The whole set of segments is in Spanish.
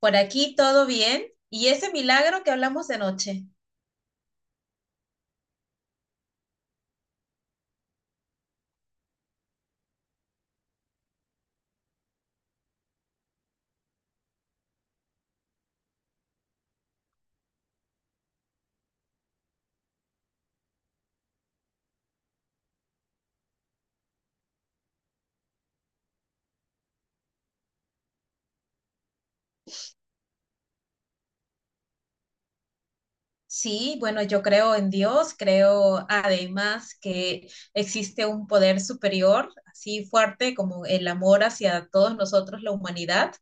Por aquí todo bien. ¿Y ese milagro que hablamos de noche? Sí, bueno, yo creo en Dios, creo además que existe un poder superior, así fuerte como el amor hacia todos nosotros, la humanidad.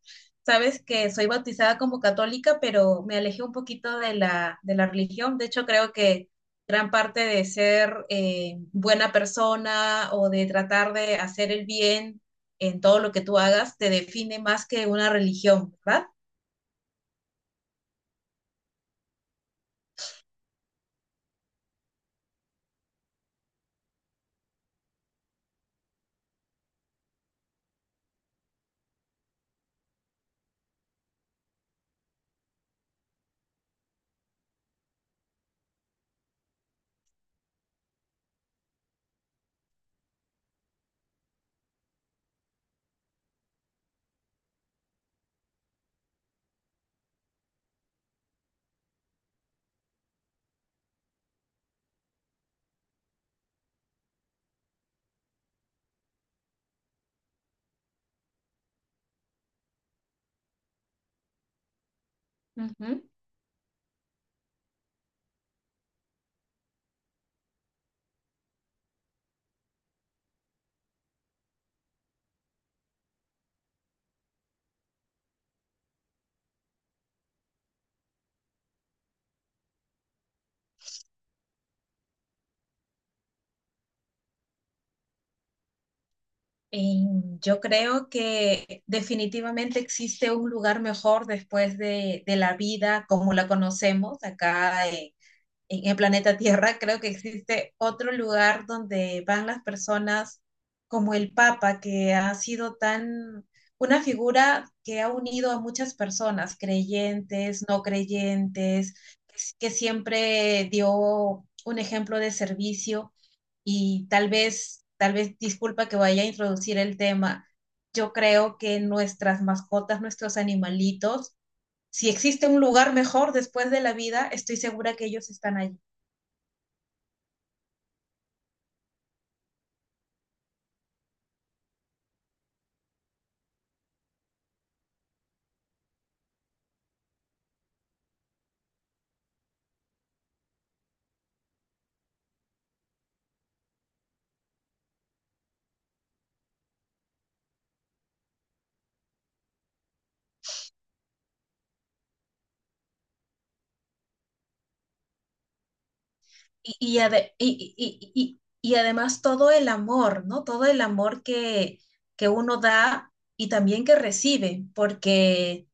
Sabes que soy bautizada como católica, pero me alejé un poquito de la religión. De hecho, creo que gran parte de ser buena persona o de tratar de hacer el bien en todo lo que tú hagas te define más que una religión, ¿verdad? Ujú. Y yo creo que definitivamente existe un lugar mejor después de la vida como la conocemos acá en el planeta Tierra. Creo que existe otro lugar donde van las personas como el Papa, que ha sido tan una figura que ha unido a muchas personas, creyentes, no creyentes, que siempre dio un ejemplo de servicio. Y tal vez, disculpa que vaya a introducir el tema, yo creo que nuestras mascotas, nuestros animalitos, si existe un lugar mejor después de la vida, estoy segura que ellos están allí. Y además todo el amor, ¿no? Todo el amor que uno da y también que recibe, porque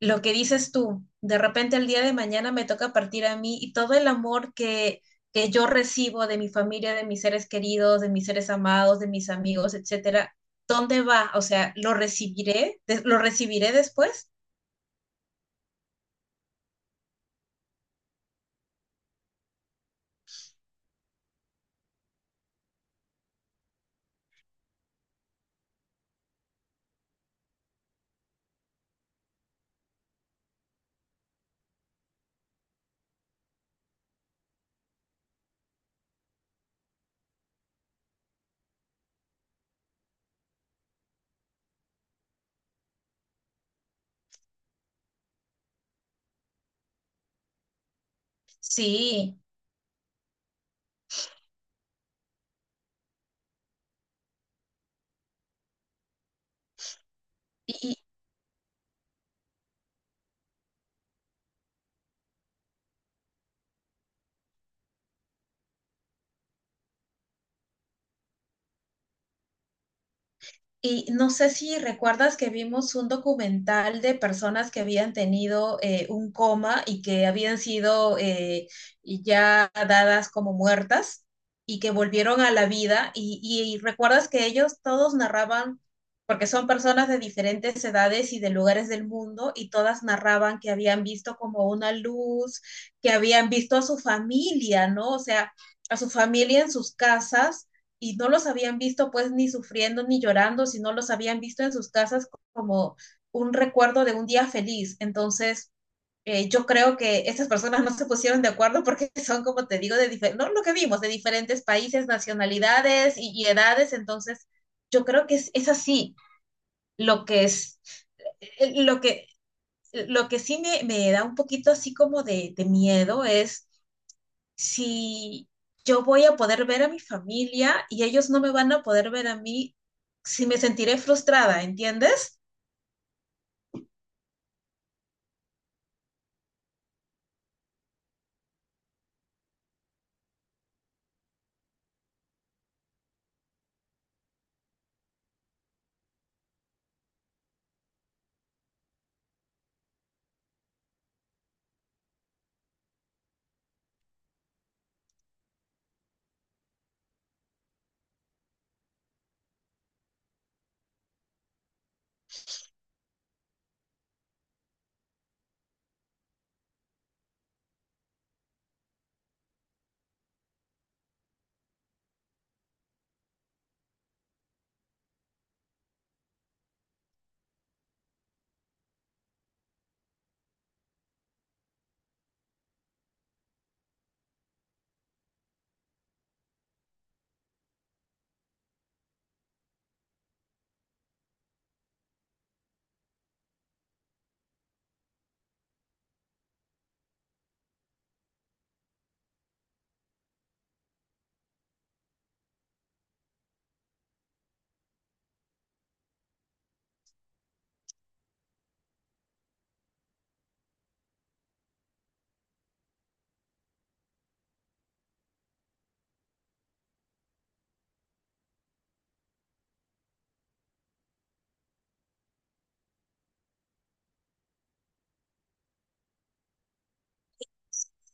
lo que dices tú, de repente el día de mañana me toca partir a mí y todo el amor que yo recibo de mi familia, de mis seres queridos, de mis seres amados, de mis amigos, etcétera, ¿dónde va? O sea, ¿lo recibiré? ¿Lo recibiré después? Sí. Y no sé si recuerdas que vimos un documental de personas que habían tenido un coma y que habían sido ya dadas como muertas y que volvieron a la vida. Y recuerdas que ellos todos narraban, porque son personas de diferentes edades y de lugares del mundo, y todas narraban que habían visto como una luz, que habían visto a su familia, ¿no? O sea, a su familia en sus casas y no los habían visto pues ni sufriendo ni llorando, sino los habían visto en sus casas como un recuerdo de un día feliz. Entonces, yo creo que estas personas no se pusieron de acuerdo porque son, como te digo, no, lo que vimos, de diferentes países, nacionalidades y edades. Entonces, yo creo que así lo que es, eh, eh, lo que, lo que sí me da un poquito así como de miedo es si yo voy a poder ver a mi familia y ellos no me van a poder ver a mí, si me sentiré frustrada, ¿entiendes?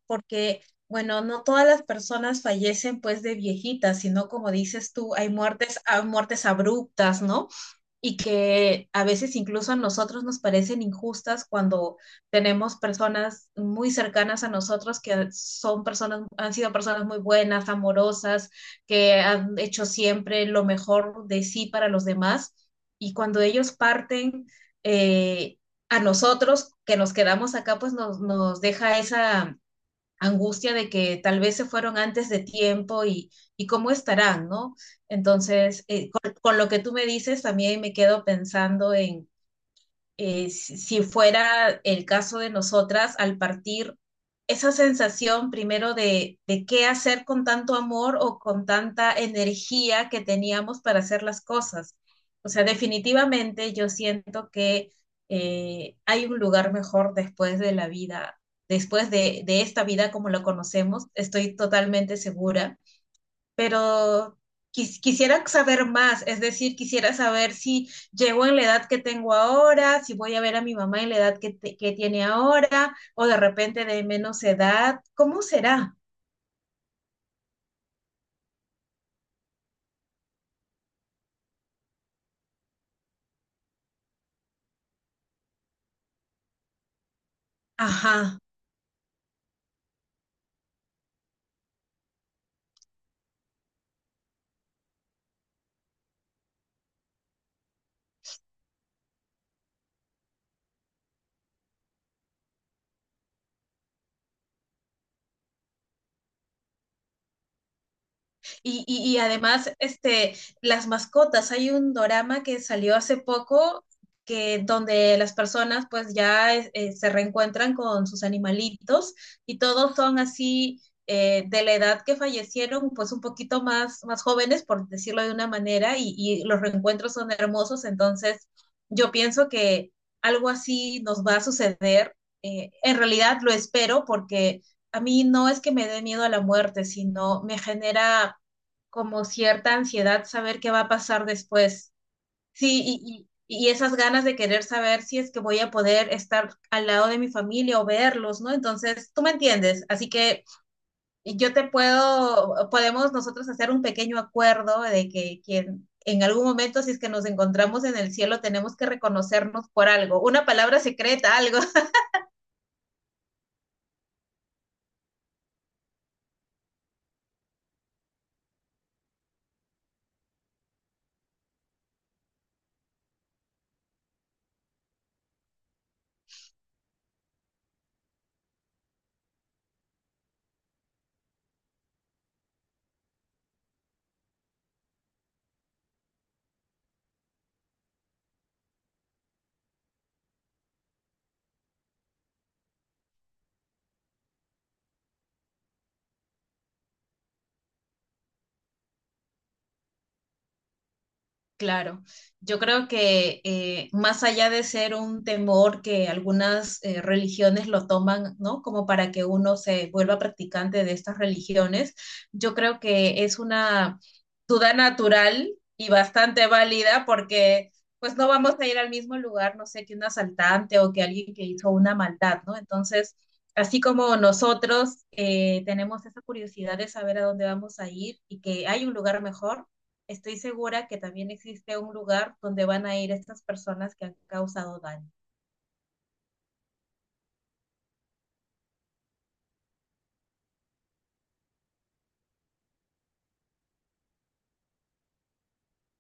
Porque, bueno, no todas las personas fallecen pues de viejitas, sino como dices tú, hay muertes abruptas, ¿no? Y que a veces incluso a nosotros nos parecen injustas cuando tenemos personas muy cercanas a nosotros que son personas, han sido personas muy buenas, amorosas, que han hecho siempre lo mejor de sí para los demás. Y cuando ellos parten eh, a nosotros, que nos quedamos acá, pues nos deja esa angustia de que tal vez se fueron antes de tiempo y cómo estarán, ¿no? Entonces, lo que tú me dices, también me quedo pensando en, si fuera el caso de nosotras, al partir esa sensación primero de qué hacer con tanto amor o con tanta energía que teníamos para hacer las cosas. O sea, definitivamente yo siento que hay un lugar mejor después de la vida, después de esta vida como la conocemos, estoy totalmente segura. Pero quisiera saber más, es decir, quisiera saber si llego en la edad que tengo ahora, si voy a ver a mi mamá en la edad que tiene ahora, o de repente de menos edad, ¿cómo será? Ajá. Y además, este, las mascotas, hay un dorama que salió hace poco que donde las personas pues ya se reencuentran con sus animalitos y todos son así de la edad que fallecieron, pues un poquito más, más jóvenes, por decirlo de una manera, y los reencuentros son hermosos, entonces yo pienso que algo así nos va a suceder. En realidad lo espero porque a mí no es que me dé miedo a la muerte, sino me genera como cierta ansiedad saber qué va a pasar después. Sí, y esas ganas de querer saber si es que voy a poder estar al lado de mi familia o verlos, ¿no? Entonces, tú me entiendes, así que yo te puedo, podemos nosotros hacer un pequeño acuerdo de que quien... En algún momento, si es que nos encontramos en el cielo, tenemos que reconocernos por algo, una palabra secreta, algo. Claro, yo creo que más allá de ser un temor que algunas religiones lo toman, ¿no? Como para que uno se vuelva practicante de estas religiones, yo creo que es una duda natural y bastante válida porque pues no vamos a ir al mismo lugar, no sé, que un asaltante o que alguien que hizo una maldad, ¿no? Entonces, así como nosotros tenemos esa curiosidad de saber a dónde vamos a ir y que hay un lugar mejor, estoy segura que también existe un lugar donde van a ir estas personas que han causado daño.